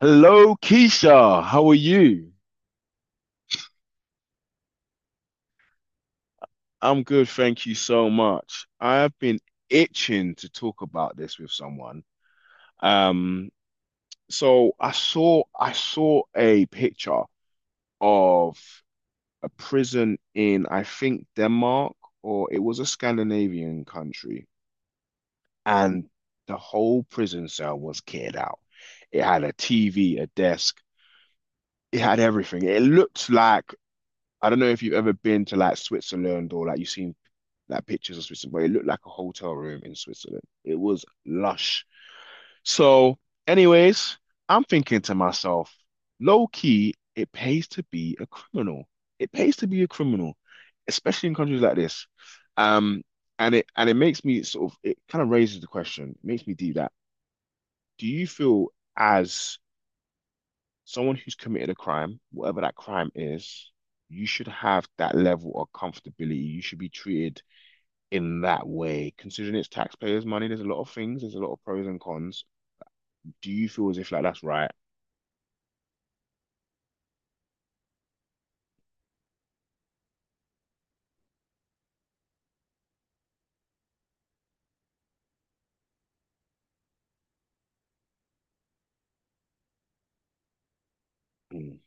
Hello, Keisha. How are you? I'm good, thank you so much. I have been itching to talk about this with someone. Um, so I saw a picture of a prison in I think Denmark or it was a Scandinavian country, and the whole prison cell was kitted out. It had a TV, a desk, it had everything. It looked like I don't know if you've ever been to like Switzerland or like you've seen like pictures of Switzerland, but it looked like a hotel room in Switzerland. It was lush. So, anyways, I'm thinking to myself, low key, it pays to be a criminal. It pays to be a criminal, especially in countries like this. Um, and it makes me sort of it kind of raises the question, makes me do that. Do you feel as someone who's committed a crime, whatever that crime is, you should have that level of comfortability. You should be treated in that way, considering it's taxpayers' money, there's a lot of things, there's a lot of pros and cons. Do you feel as if like that's right? Mm,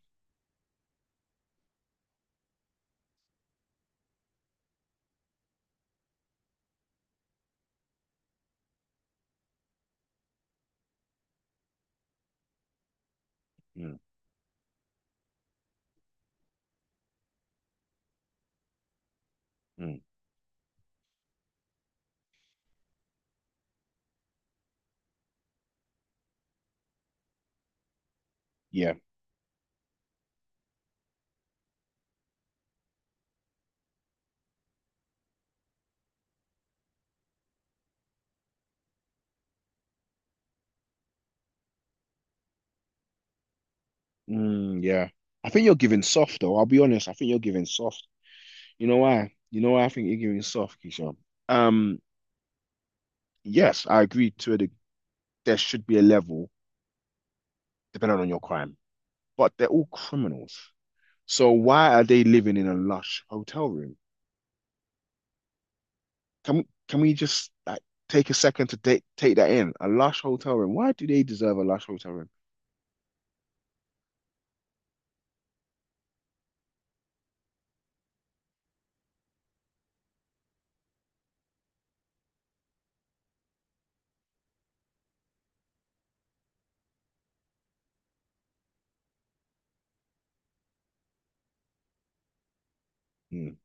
mm, mm. Yeah. Mm, yeah. I think you're giving soft though. I'll be honest. I think you're giving soft. You know why? You know why I think you're giving soft, Keisha? Um, yes, I agree to it. There should be a level depending on your crime, but they're all criminals. So why are they living in a lush hotel room? Can we just like take a second to take that in? A lush hotel room. Why do they deserve a lush hotel room? Hmm.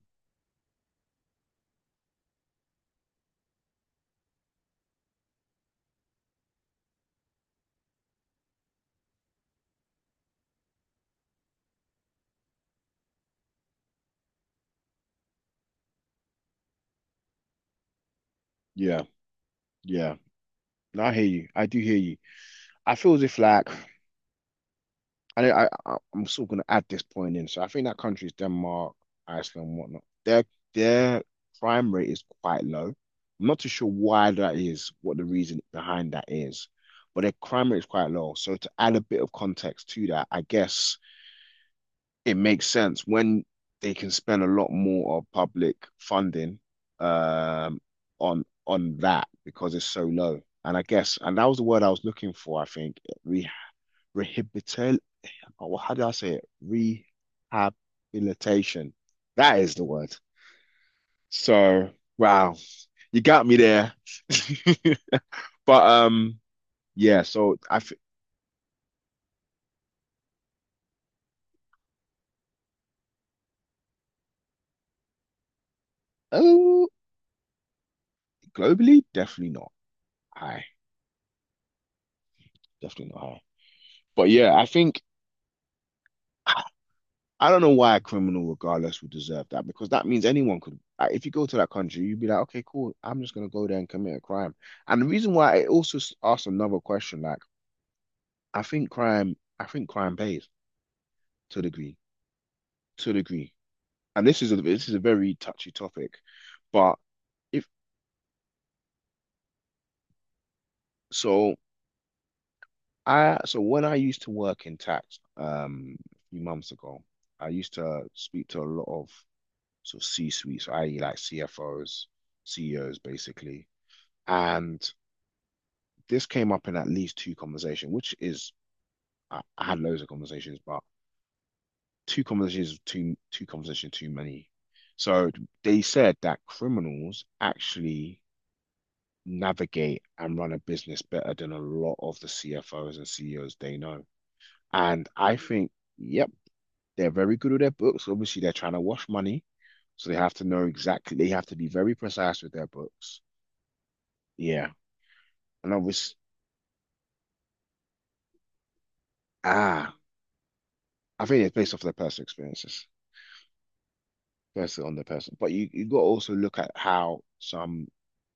Yeah, yeah. No, I hear you. I do hear you. I feel as if like I know I'm still gonna add this point in. So I think that countries Denmark, Iceland, whatnot. Their crime rate is quite low. I'm not too sure why that is, what the reason behind that is, but their crime rate is quite low. So to add a bit of context to that, I guess it makes sense when they can spend a lot more of public funding um on that because it's so low. And I guess, and that was the word I was looking for, I think. Re Rehabilitation. Or how do I say it? Rehabilitation. That is the word. So, wow, you got me there. But Yeah, so I think oh globally, definitely not high. Definitely not high. But yeah, I think I don't know why a criminal, regardless, would deserve that because that means anyone could. If you go to that country, you'd be like, okay, cool. I'm just gonna go there and commit a crime. And the reason why it also asks another question, like I think crime pays to a degree, to a degree. And this is a very touchy topic, but if so, I so when I used to work in tax, a few months ago, I used to speak to a lot of sort of C-suites, i.e., like CFOs, CEOs, basically, and this came up in at least two conversation, which is I had loads of conversations, but two conversations too many. So they said that criminals actually navigate and run a business better than a lot of the CFOs and CEOs they know. And I think, yep, they're very good with their books. Obviously, they're trying to wash money, so they have to know exactly. They have to be very precise with their books. Yeah, and obviously, ah, I think it's based off their personal experiences. Firstly on the person, but you got to also look at how some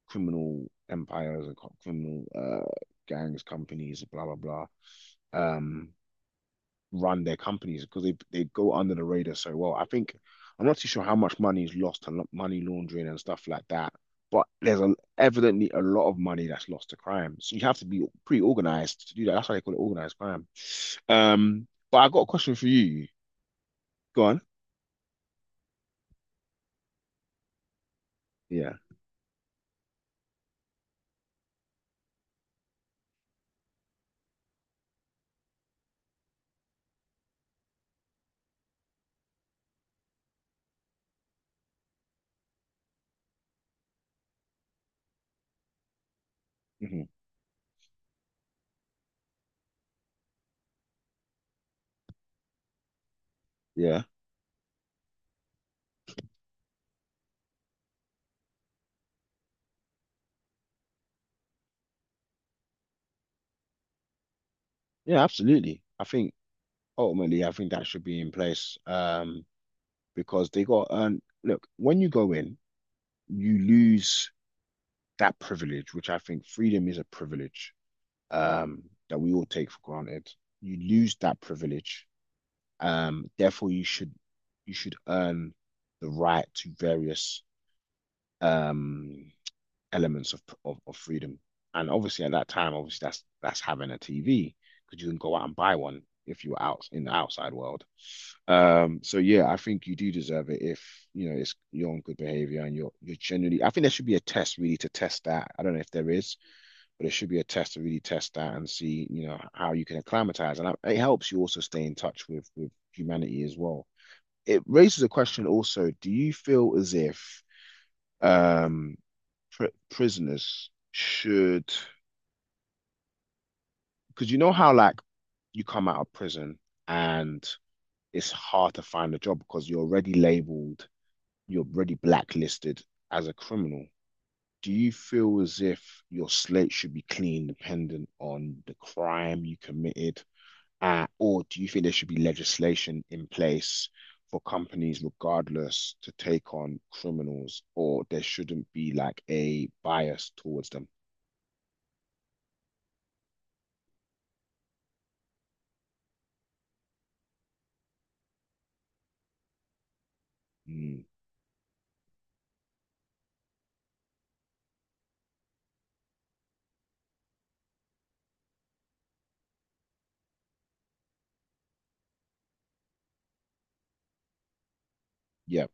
criminal empires and co- criminal gangs, companies, blah blah blah, um, run their companies because they go under the radar so well. I think I'm not too sure how much money is lost and money laundering and stuff like that, but there's a, evidently a lot of money that's lost to crime. So you have to be pretty organized to do that. That's why they call it organized crime. But I got a question for you. Go on. Yeah. hmm Yeah. Yeah, absolutely. I think ultimately, I think that should be in place because they got to earn. Look, when you go in, you lose that privilege, which I think freedom is a privilege um, that we all take for granted. You lose that privilege, therefore you should earn the right to various um, elements of, of freedom. And obviously, at that time, obviously that's having a TV because you can go out and buy one if you're out in the outside world. So yeah, I think you do deserve it if you know it's you're on good behavior and you're genuinely. I think there should be a test really to test that. I don't know if there is, but there should be a test to really test that and see you know how you can acclimatize. And it helps you also stay in touch with humanity as well. It raises a question also: do you feel as if um pr prisoners should? Because you know how like you come out of prison and it's hard to find a job because you're already labeled you're already blacklisted as a criminal. Do you feel as if your slate should be clean, dependent on the crime you committed, or do you think there should be legislation in place for companies, regardless, to take on criminals, or there shouldn't be like a bias towards them? Mm, yeah,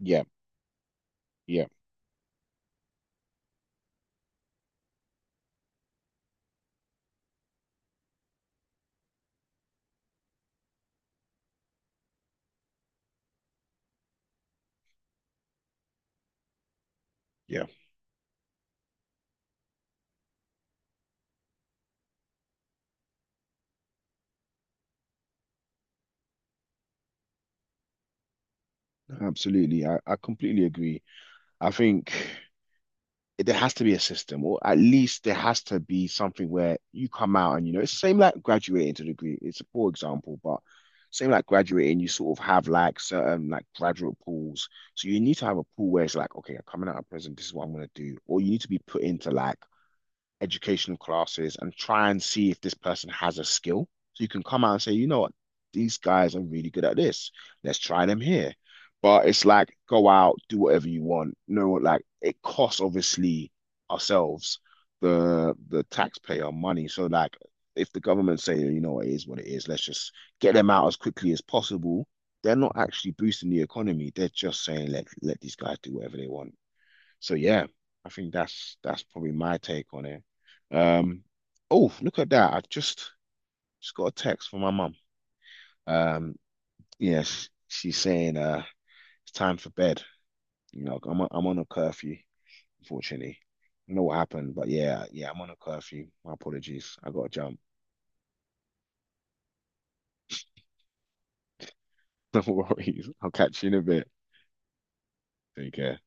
yeah, yeah, yeah. Absolutely. I completely agree. I think there has to be a system, or at least there has to be something where you come out and, you know, it's the same like graduating to degree. It's a poor example, but same like graduating, you sort of have like certain like graduate pools. So you need to have a pool where it's like, okay, I'm coming out of prison, this is what I'm going to do. Or you need to be put into like educational classes and try and see if this person has a skill. So you can come out and say, you know what, these guys are really good at this. Let's try them here. But it's like go out, do whatever you want. No, like it costs obviously ourselves the taxpayer money. So like if the government say, you know it is what it is, let's just get them out as quickly as possible. They're not actually boosting the economy. They're just saying let these guys do whatever they want. So yeah, I think that's probably my take on it. Um, oh, look at that. I just got a text from my mum. Um, yes, she's saying it's time for bed. You know, I'm on a curfew, unfortunately. I don't know what happened, but I'm on a curfew. My apologies. I gotta jump. No worries. I'll catch you in a bit. Take care.